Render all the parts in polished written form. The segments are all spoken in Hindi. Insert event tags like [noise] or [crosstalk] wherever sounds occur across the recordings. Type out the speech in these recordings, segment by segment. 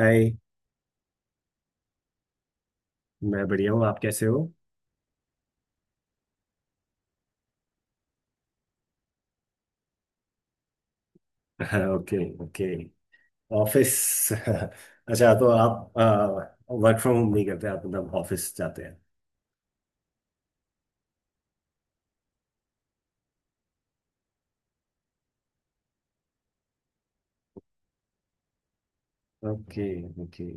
हाय। मैं बढ़िया हूँ। आप कैसे हो? [laughs] ओके। ओके। ऑफिस। [laughs] अच्छा, तो आप वर्क फ्रॉम होम नहीं करते आप, मतलब ऑफिस जाते हैं? ओके। ओके।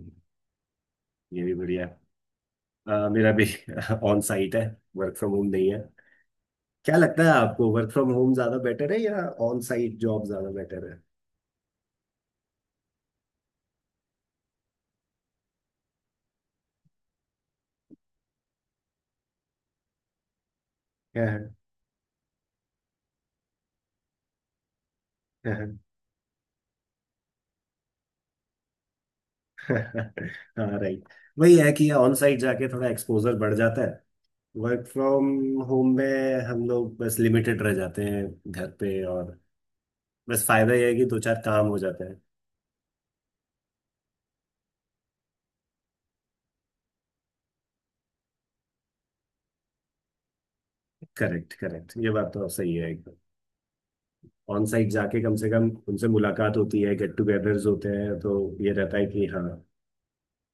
ये भी बढ़िया है। मेरा भी [laughs] ऑन साइट है। वर्क फ्रॉम होम नहीं है। क्या लगता है आपको वर्क फ्रॉम होम ज्यादा बेटर है या ऑन साइट जॉब ज्यादा बेटर है? [laughs] हाँ, राइट। वही है कि ऑन साइट जाके थोड़ा एक्सपोजर बढ़ जाता है। वर्क फ्रॉम होम में हम लोग बस लिमिटेड रह जाते हैं घर पे, और बस फायदा यह है कि दो चार काम हो जाते हैं। करेक्ट, करेक्ट, ये बात तो सही है एकदम। ऑन साइट जाके कम से कम उनसे मुलाकात होती है, गेट टुगेदर्स होते हैं, तो ये रहता है कि हाँ,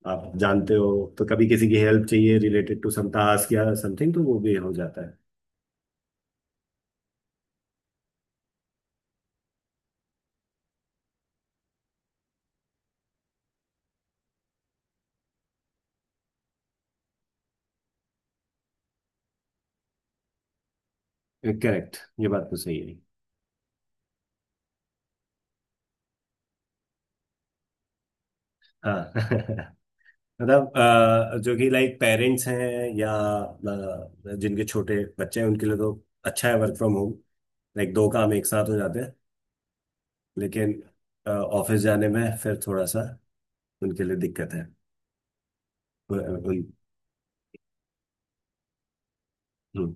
आप जानते हो, तो कभी किसी की हेल्प चाहिए रिलेटेड टू सम टास्क या समथिंग तो वो भी हो जाता है। करेक्ट, ये बात तो सही है। हाँ। [laughs] मतलब, जो कि लाइक पेरेंट्स हैं या जिनके छोटे बच्चे हैं उनके लिए तो अच्छा है वर्क फ्रॉम होम। लाइक दो काम एक साथ हो जाते हैं। लेकिन ऑफिस जाने में फिर थोड़ा सा उनके लिए दिक्कत है। अ, उन- हम्म।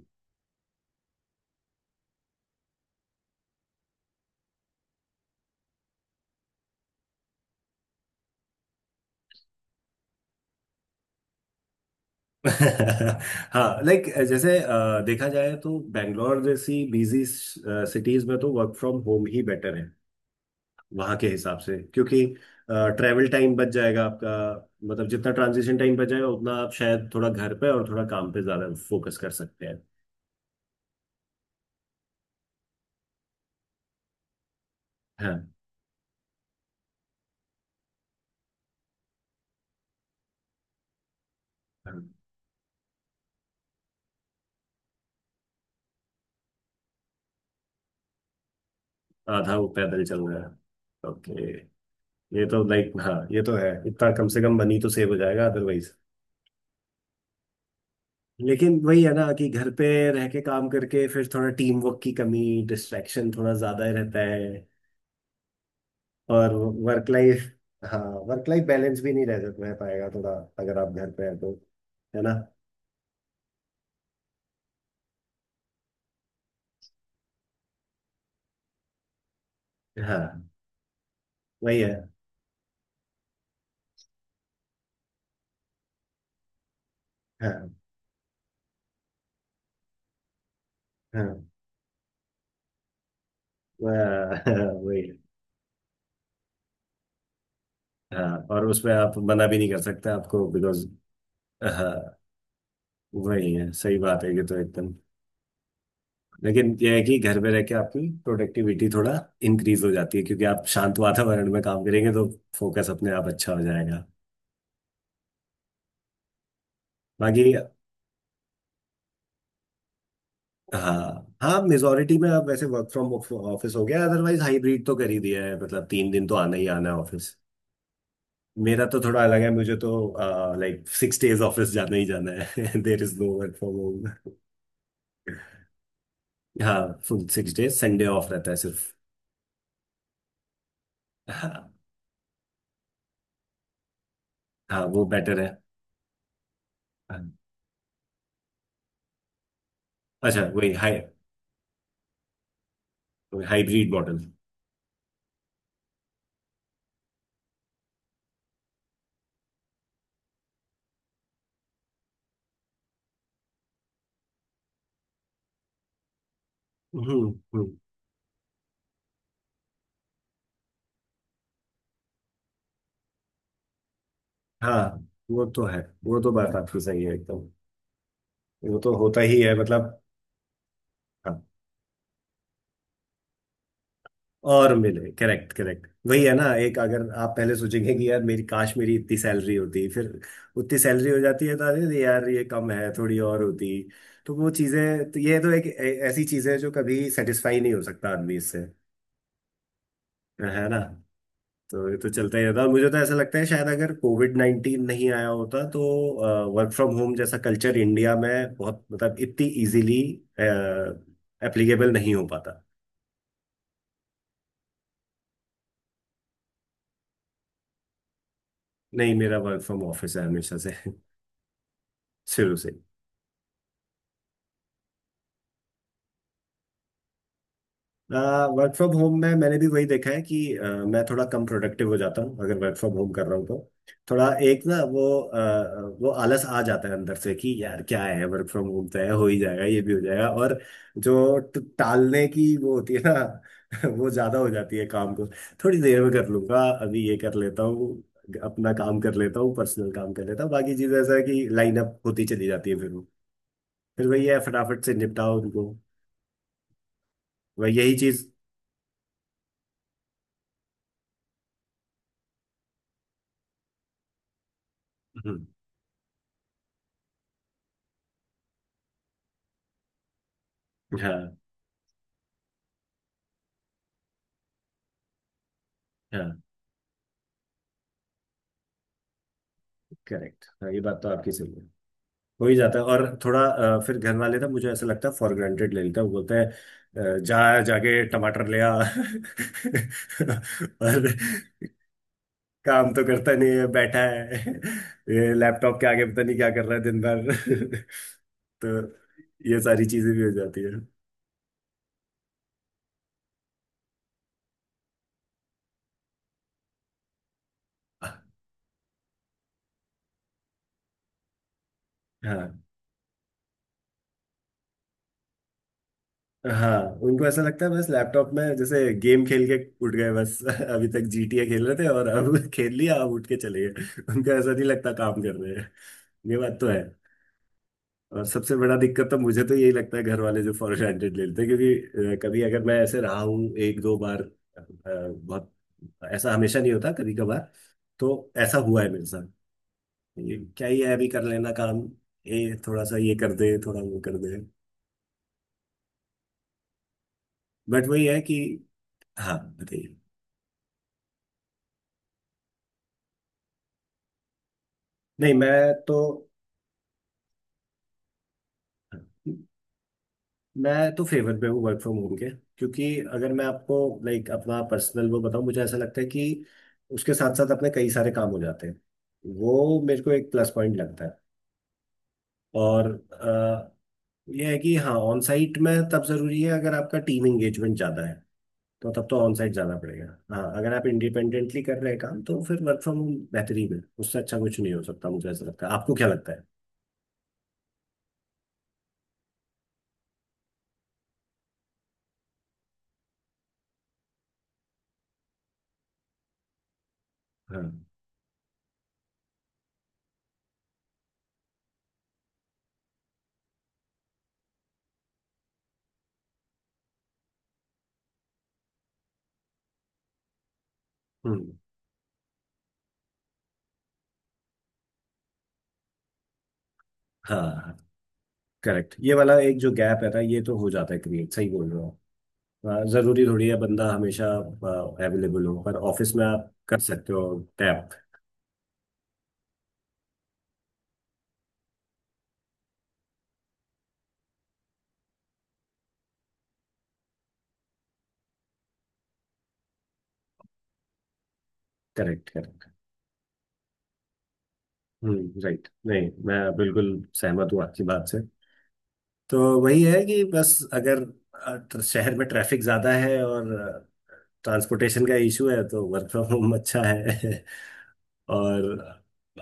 [laughs] हाँ, लाइक जैसे देखा जाए तो बेंगलोर जैसी बिजी सिटीज में तो वर्क फ्रॉम होम ही बेटर है, वहाँ के हिसाब से, क्योंकि ट्रैवल टाइम बच जाएगा आपका। मतलब जितना ट्रांजिशन टाइम बच जाएगा उतना आप शायद थोड़ा घर पे और थोड़ा काम पे ज्यादा फोकस कर सकते हैं। हाँ, हाँ। आधा वो पैदल चल रहा है, ओके। ये तो लाइक, हाँ, ये तो है, इतना कम से कम मनी तो सेव हो जाएगा अदरवाइज। लेकिन वही है ना कि घर पे रह के काम करके फिर थोड़ा टीम वर्क की कमी, डिस्ट्रैक्शन थोड़ा ज्यादा ही रहता है, और वर्क लाइफ, हाँ, वर्क लाइफ बैलेंस भी नहीं रह रह पाएगा थोड़ा अगर आप घर पे हैं तो, है ना। हाँ, वही है। हाँ, हाँ। वह- [laughs] वही है। हाँ, और उसमें आप मना भी नहीं कर सकते आपको, बिकॉज हाँ, वही है, सही बात है ये तो एकदम। लेकिन यह है कि घर में रह के आपकी प्रोडक्टिविटी थोड़ा इंक्रीज हो जाती है, क्योंकि आप शांत वातावरण में काम करेंगे तो फोकस अपने आप अच्छा हो जाएगा। बाकी, हाँ हाँ, मेजोरिटी में आप वैसे वर्क फ्रॉम ऑफिस हो गया, अदरवाइज हाइब्रिड तो कर ही दिया है, मतलब 3 दिन तो आना ही आना है ऑफिस। मेरा तो थोड़ा अलग है, मुझे तो लाइक 6 डेज ऑफिस जाना ही जाना है। [laughs] देर is no work from home. हाँ, फुल 6 डेज, संडे ऑफ रहता है सिर्फ। हाँ, हाँ, वो बेटर है। हाँ, अच्छा, वही हाई हाइब्रिड मॉडल। हम्म। हम्म। हाँ, वो तो है, वो तो बात आपकी सही है एकदम, वो तो होता ही है, मतलब। हाँ। और मिले, करेक्ट, करेक्ट, वही है ना, एक, अगर आप पहले सोचेंगे कि यार, मेरी काश मेरी इतनी सैलरी होती, फिर उतनी सैलरी हो जाती है तो अरे यार, ये कम है, थोड़ी और होती। तो वो चीजें तो, ये तो एक ऐसी चीज है जो कभी सेटिस्फाई नहीं हो सकता आदमी इससे, है ना। तो ये तो चलता ही रहता है, और मुझे तो ऐसा लगता है शायद अगर कोविड-19 नहीं आया होता तो वर्क फ्रॉम होम जैसा कल्चर इंडिया में बहुत, मतलब इतनी इजीली एप्लीकेबल नहीं हो पाता। नहीं, मेरा वर्क फ्रॉम ऑफिस है हमेशा से। [laughs] शुरू से। वर्क फ्रॉम होम में मैंने भी वही देखा है कि, मैं थोड़ा कम प्रोडक्टिव हो जाता हूँ अगर वर्क फ्रॉम होम कर रहा हूँ तो। थोड़ा एक ना, वो आलस आ जाता है अंदर से कि यार क्या है, वर्क फ्रॉम होम तो है, हो ही जाएगा, ये भी हो जाएगा और, जो टालने की वो होती है ना। [laughs] वो ज्यादा हो जाती है काम को, थोड़ी देर में कर लूंगा, अभी ये कर लेता हूँ, अपना काम कर लेता हूँ, पर्सनल काम कर लेता हूँ, बाकी चीज ऐसा है कि लाइन अप होती चली जाती है, फिर वही है, फटाफट से निपटाओ उनको। वही, यही चीज हम्म। हाँ हाँ, करेक्ट, हाँ, ये बात तो आपकी सही है, हो ही जाता है। और थोड़ा, फिर घर वाले ना, मुझे ऐसा लगता है फॉर ग्रांटेड ले लेते हैं, वो बोलते हैं जा जाके टमाटर ले आ। [laughs] और, काम तो करता नहीं है, बैठा है ये लैपटॉप के आगे, पता नहीं क्या कर रहा है दिन भर। [laughs] तो ये सारी चीजें भी हो जाती है। हाँ हाँ, उनको ऐसा लगता है बस लैपटॉप में जैसे गेम खेल के उठ गए बस। [laughs] अभी तक जीटीए खेल रहे थे और अब [laughs] खेल लिया, अब उठ के चले गए। [laughs] उनको ऐसा नहीं लगता काम कर रहे हैं। ये बात तो है। और सबसे बड़ा दिक्कत तो मुझे तो यही लगता है घर वाले जो फॉर ग्रांटेड ले लेते हैं, क्योंकि कभी अगर मैं ऐसे रहा हूँ एक दो बार, बहुत, ऐसा हमेशा नहीं होता, कभी कभार तो ऐसा हुआ है मेरे साथ, ये क्या ही है, अभी कर लेना काम, ये थोड़ा सा ये कर दे, थोड़ा वो कर दे। बट वही है कि। हाँ, बताइए। नहीं, तो मैं तो फेवर पे हूँ वर्क फ्रॉम होम के, क्योंकि अगर मैं आपको, लाइक, अपना पर्सनल वो बताऊँ, मुझे ऐसा लगता है कि उसके साथ साथ अपने कई सारे काम हो जाते हैं, वो मेरे को एक प्लस पॉइंट लगता है। और यह है कि हाँ, ऑन साइट में तब जरूरी है अगर आपका टीम एंगेजमेंट ज़्यादा है, तो तब तो ऑन साइट जाना पड़ेगा। हाँ, अगर आप इंडिपेंडेंटली कर रहे हैं काम, तो फिर वर्क फ्रॉम होम बेहतरीन है, उससे अच्छा कुछ नहीं हो सकता, मुझे ऐसा लगता है। आपको क्या लगता है? हाँ। हम्म। हाँ, करेक्ट, ये वाला एक जो गैप रहता है ये तो हो जाता है क्रिएट, सही बोल रहे हो। जरूरी थोड़ी है बंदा हमेशा अवेलेबल हो, पर ऑफिस में आप कर सकते हो टैप। Correct, correct. हम्म, राइट। नहीं, मैं बिल्कुल सहमत हूँ आपकी बात से। तो वही है कि बस अगर शहर में ट्रैफिक ज्यादा है और ट्रांसपोर्टेशन का इशू है तो वर्क फ्रॉम होम अच्छा है। [laughs] और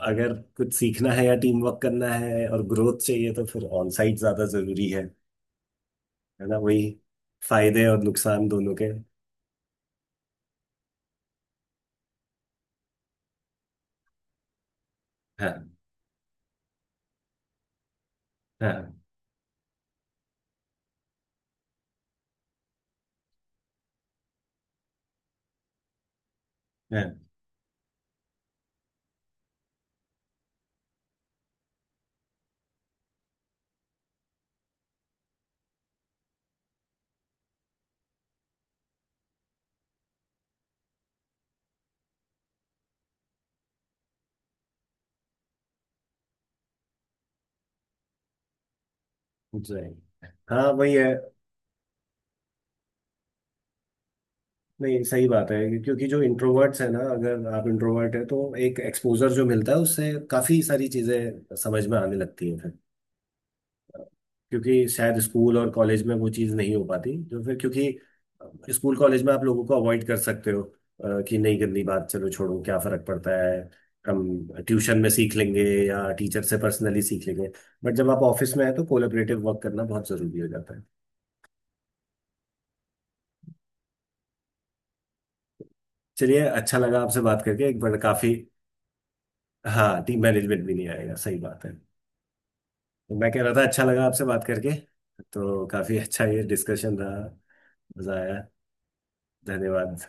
अगर कुछ सीखना है या टीम वर्क करना है और ग्रोथ चाहिए तो फिर ऑन साइट ज्यादा जरूरी है ना। वही, फायदे और नुकसान दोनों के। हाँ हाँ। हाँ जी, हाँ, वही है। नहीं, सही बात है, क्योंकि जो इंट्रोवर्ट्स है ना, अगर आप इंट्रोवर्ट है तो एक एक्सपोजर जो मिलता है उससे काफी सारी चीजें समझ में आने लगती हैं फिर, क्योंकि शायद स्कूल और कॉलेज में वो चीज़ नहीं हो पाती, तो फिर, क्योंकि स्कूल कॉलेज में आप लोगों को अवॉइड कर सकते हो, कि नहीं करनी बात, चलो छोड़ो, क्या फर्क पड़ता है, हम ट्यूशन में सीख लेंगे या टीचर से पर्सनली सीख लेंगे। बट जब आप ऑफिस में हैं तो कोलेबरेटिव वर्क करना बहुत जरूरी हो जाता है। चलिए, अच्छा लगा आपसे बात करके, एक बड़ा काफी। हाँ, टीम मैनेजमेंट भी नहीं आएगा, सही बात है। तो मैं कह रहा था, अच्छा लगा आपसे बात करके, तो काफी अच्छा ये डिस्कशन रहा, मजा आया। धन्यवाद।